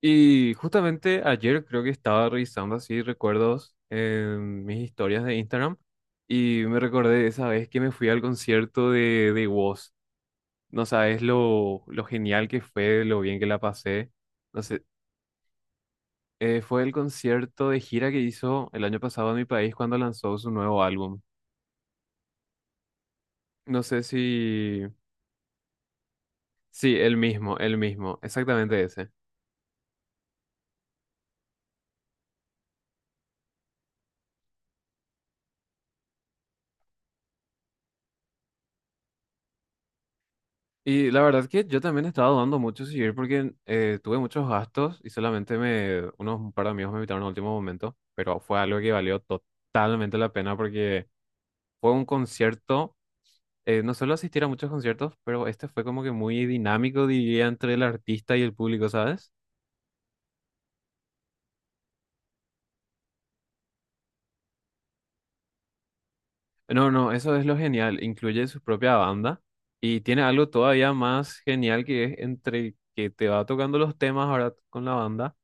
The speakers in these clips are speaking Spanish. Y justamente ayer creo que estaba revisando así recuerdos en mis historias de Instagram y me recordé de esa vez que me fui al concierto de Woz. No sabes lo genial que fue, lo bien que la pasé. No sé, fue el concierto de gira que hizo el año pasado en mi país cuando lanzó su nuevo álbum. No sé si... Sí, el mismo, exactamente ese. Y la verdad que yo también estaba dudando mucho si ir porque tuve muchos gastos y solamente me, unos par de amigos me invitaron al último momento, pero fue algo que valió totalmente la pena porque fue un concierto, no suelo asistir a muchos conciertos, pero este fue como que muy dinámico, diría, entre el artista y el público, ¿sabes? No, no, eso es lo genial, incluye su propia banda y tiene algo todavía más genial que es entre que te va tocando los temas ahora con la banda.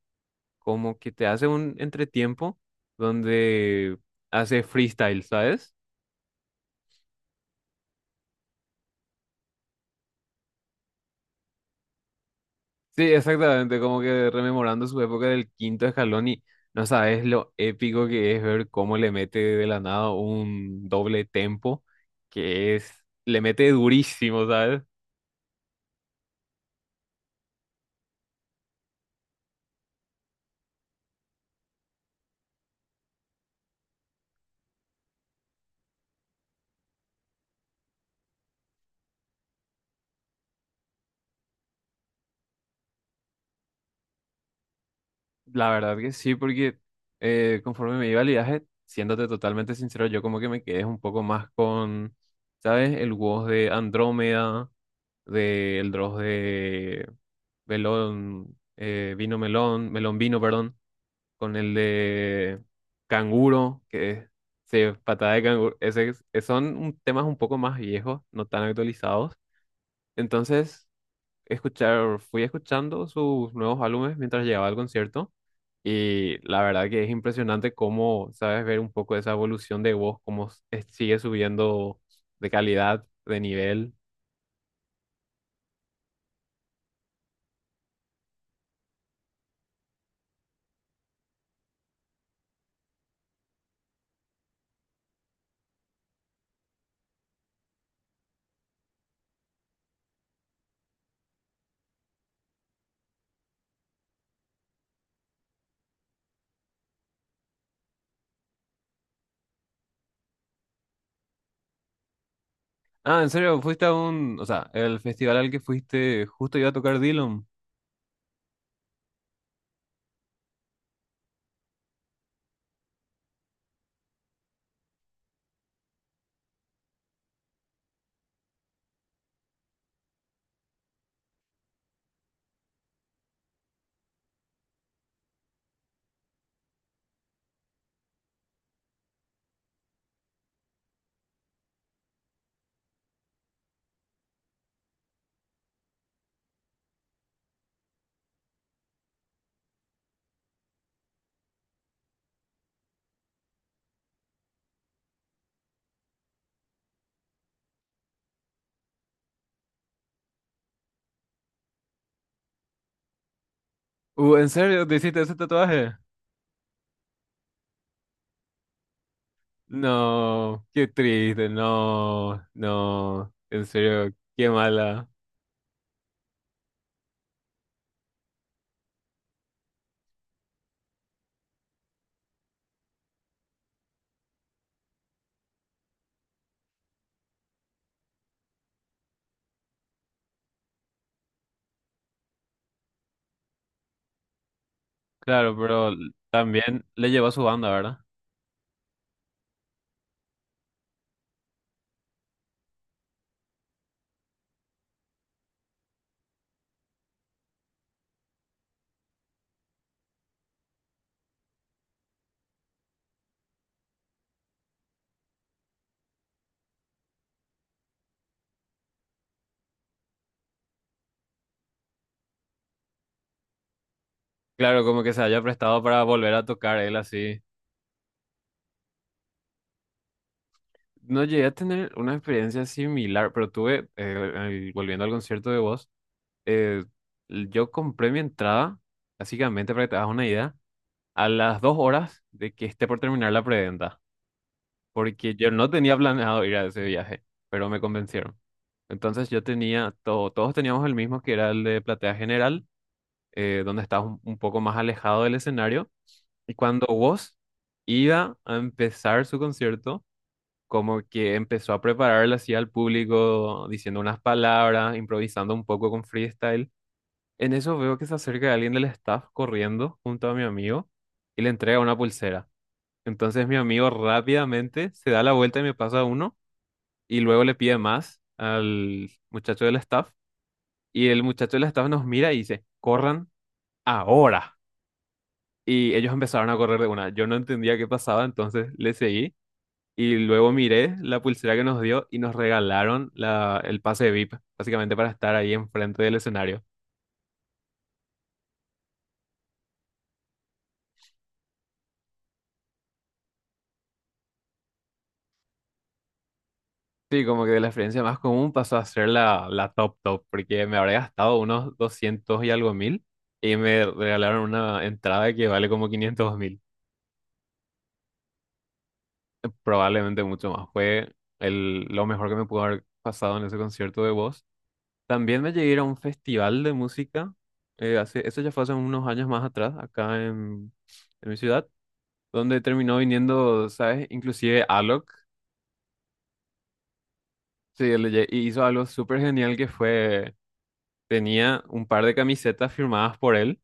Como que te hace un entretiempo donde hace freestyle, ¿sabes? Sí, exactamente, como que rememorando su época del quinto escalón y no sabes lo épico que es ver cómo le mete de la nada un doble tempo, que es, le mete durísimo, ¿sabes? La verdad que sí, porque conforme me iba el viaje, siéndote totalmente sincero, yo como que me quedé un poco más con, ¿sabes? El WoW de Andrómeda, del Dross de Melón, Vino Melón, Melón Vino, perdón, con el de Canguro, que es sí, patada de canguro. Ese, son temas un poco más viejos, no tan actualizados. Entonces escuchar, fui escuchando sus nuevos álbumes mientras llegaba al concierto y la verdad que es impresionante cómo sabes ver un poco esa evolución de voz, cómo sigue subiendo de calidad, de nivel. Ah, en serio, fuiste a un, o sea, el festival al que fuiste justo iba a tocar Dylan. ¿En serio te hiciste ese tatuaje? No, qué triste, no, no, en serio, qué mala. Claro, pero también le llevó a su banda, ¿verdad? Claro, como que se haya prestado para volver a tocar él así. No llegué a tener una experiencia similar, pero tuve, volviendo al concierto de Voz, eh, yo compré mi entrada, básicamente para que te hagas una idea, a las dos horas de que esté por terminar la preventa, porque yo no tenía planeado ir a ese viaje, pero me convencieron. Entonces yo tenía, todo, todos teníamos el mismo, que era el de platea general, donde estabas un poco más alejado del escenario, y cuando Voz iba a empezar su concierto, como que empezó a prepararla así al público, diciendo unas palabras, improvisando un poco con freestyle. En eso veo que se acerca alguien del staff corriendo junto a mi amigo y le entrega una pulsera. Entonces mi amigo rápidamente se da la vuelta y me pasa uno y luego le pide más al muchacho del staff y el muchacho del staff nos mira y dice, corran ahora. Y ellos empezaron a correr de una. Yo no entendía qué pasaba, entonces le seguí. Y luego miré la pulsera que nos dio y nos regalaron la, el pase VIP, básicamente para estar ahí enfrente del escenario. Sí, como que de la experiencia más común pasó a ser la, la top top, porque me habré gastado unos 200 y algo mil y me regalaron una entrada que vale como 500 mil, probablemente mucho más. Fue el, lo mejor que me pudo haber pasado en ese concierto de voz. También me llegué a ir a un festival de música, hace, eso ya fue hace unos años más atrás, acá en mi ciudad donde terminó viniendo, ¿sabes? Inclusive Alok, sí, y hizo algo súper genial que fue, tenía un par de camisetas firmadas por él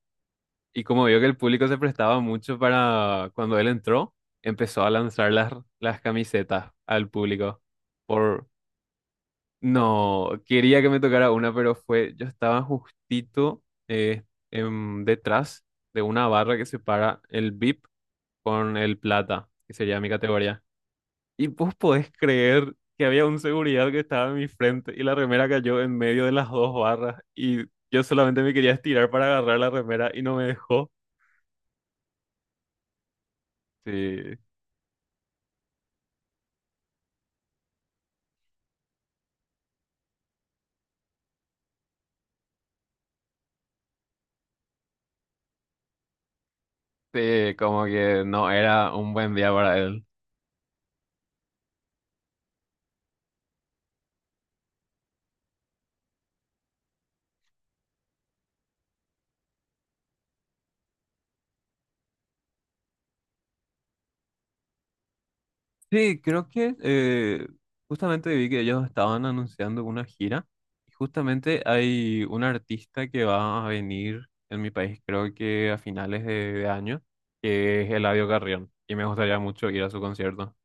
y como vio que el público se prestaba mucho para cuando él entró, empezó a lanzar las camisetas al público. Por, no, quería que me tocara una, pero fue, yo estaba justito eh, detrás de una barra que separa el VIP con el plata, que sería mi categoría. Y vos podés creer que había un seguridad que estaba en mi frente y la remera cayó en medio de las dos barras y yo solamente me quería estirar para agarrar la remera y no me dejó. Sí, sí, como que no era un buen día para él. Sí, creo que justamente vi que ellos estaban anunciando una gira y justamente hay un artista que va a venir en mi país, creo que a finales de año, que es Eladio Carrión y me gustaría mucho ir a su concierto.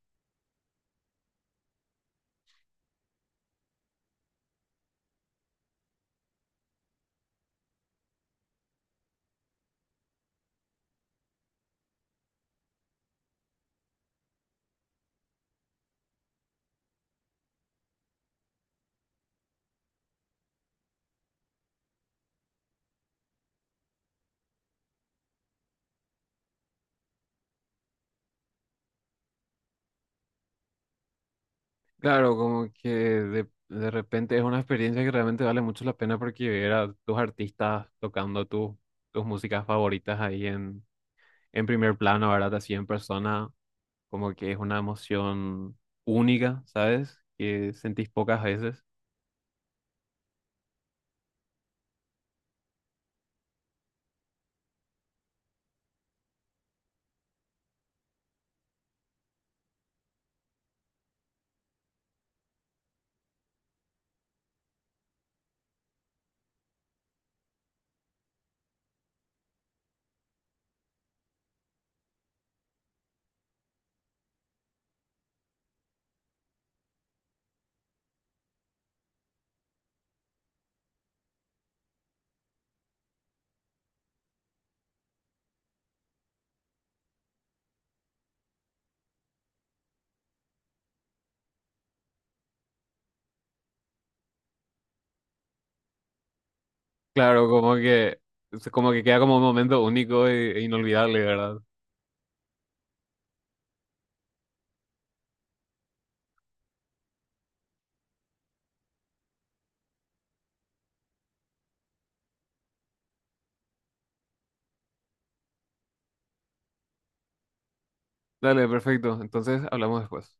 Claro, como que de repente es una experiencia que realmente vale mucho la pena porque ver a tus artistas tocando tus músicas favoritas ahí en primer plano, ¿verdad? Así en persona, como que es una emoción única, ¿sabes? Que sentís pocas veces. Claro, como que, es como que queda como un momento único e, e inolvidable, ¿verdad? Dale, perfecto. Entonces hablamos después.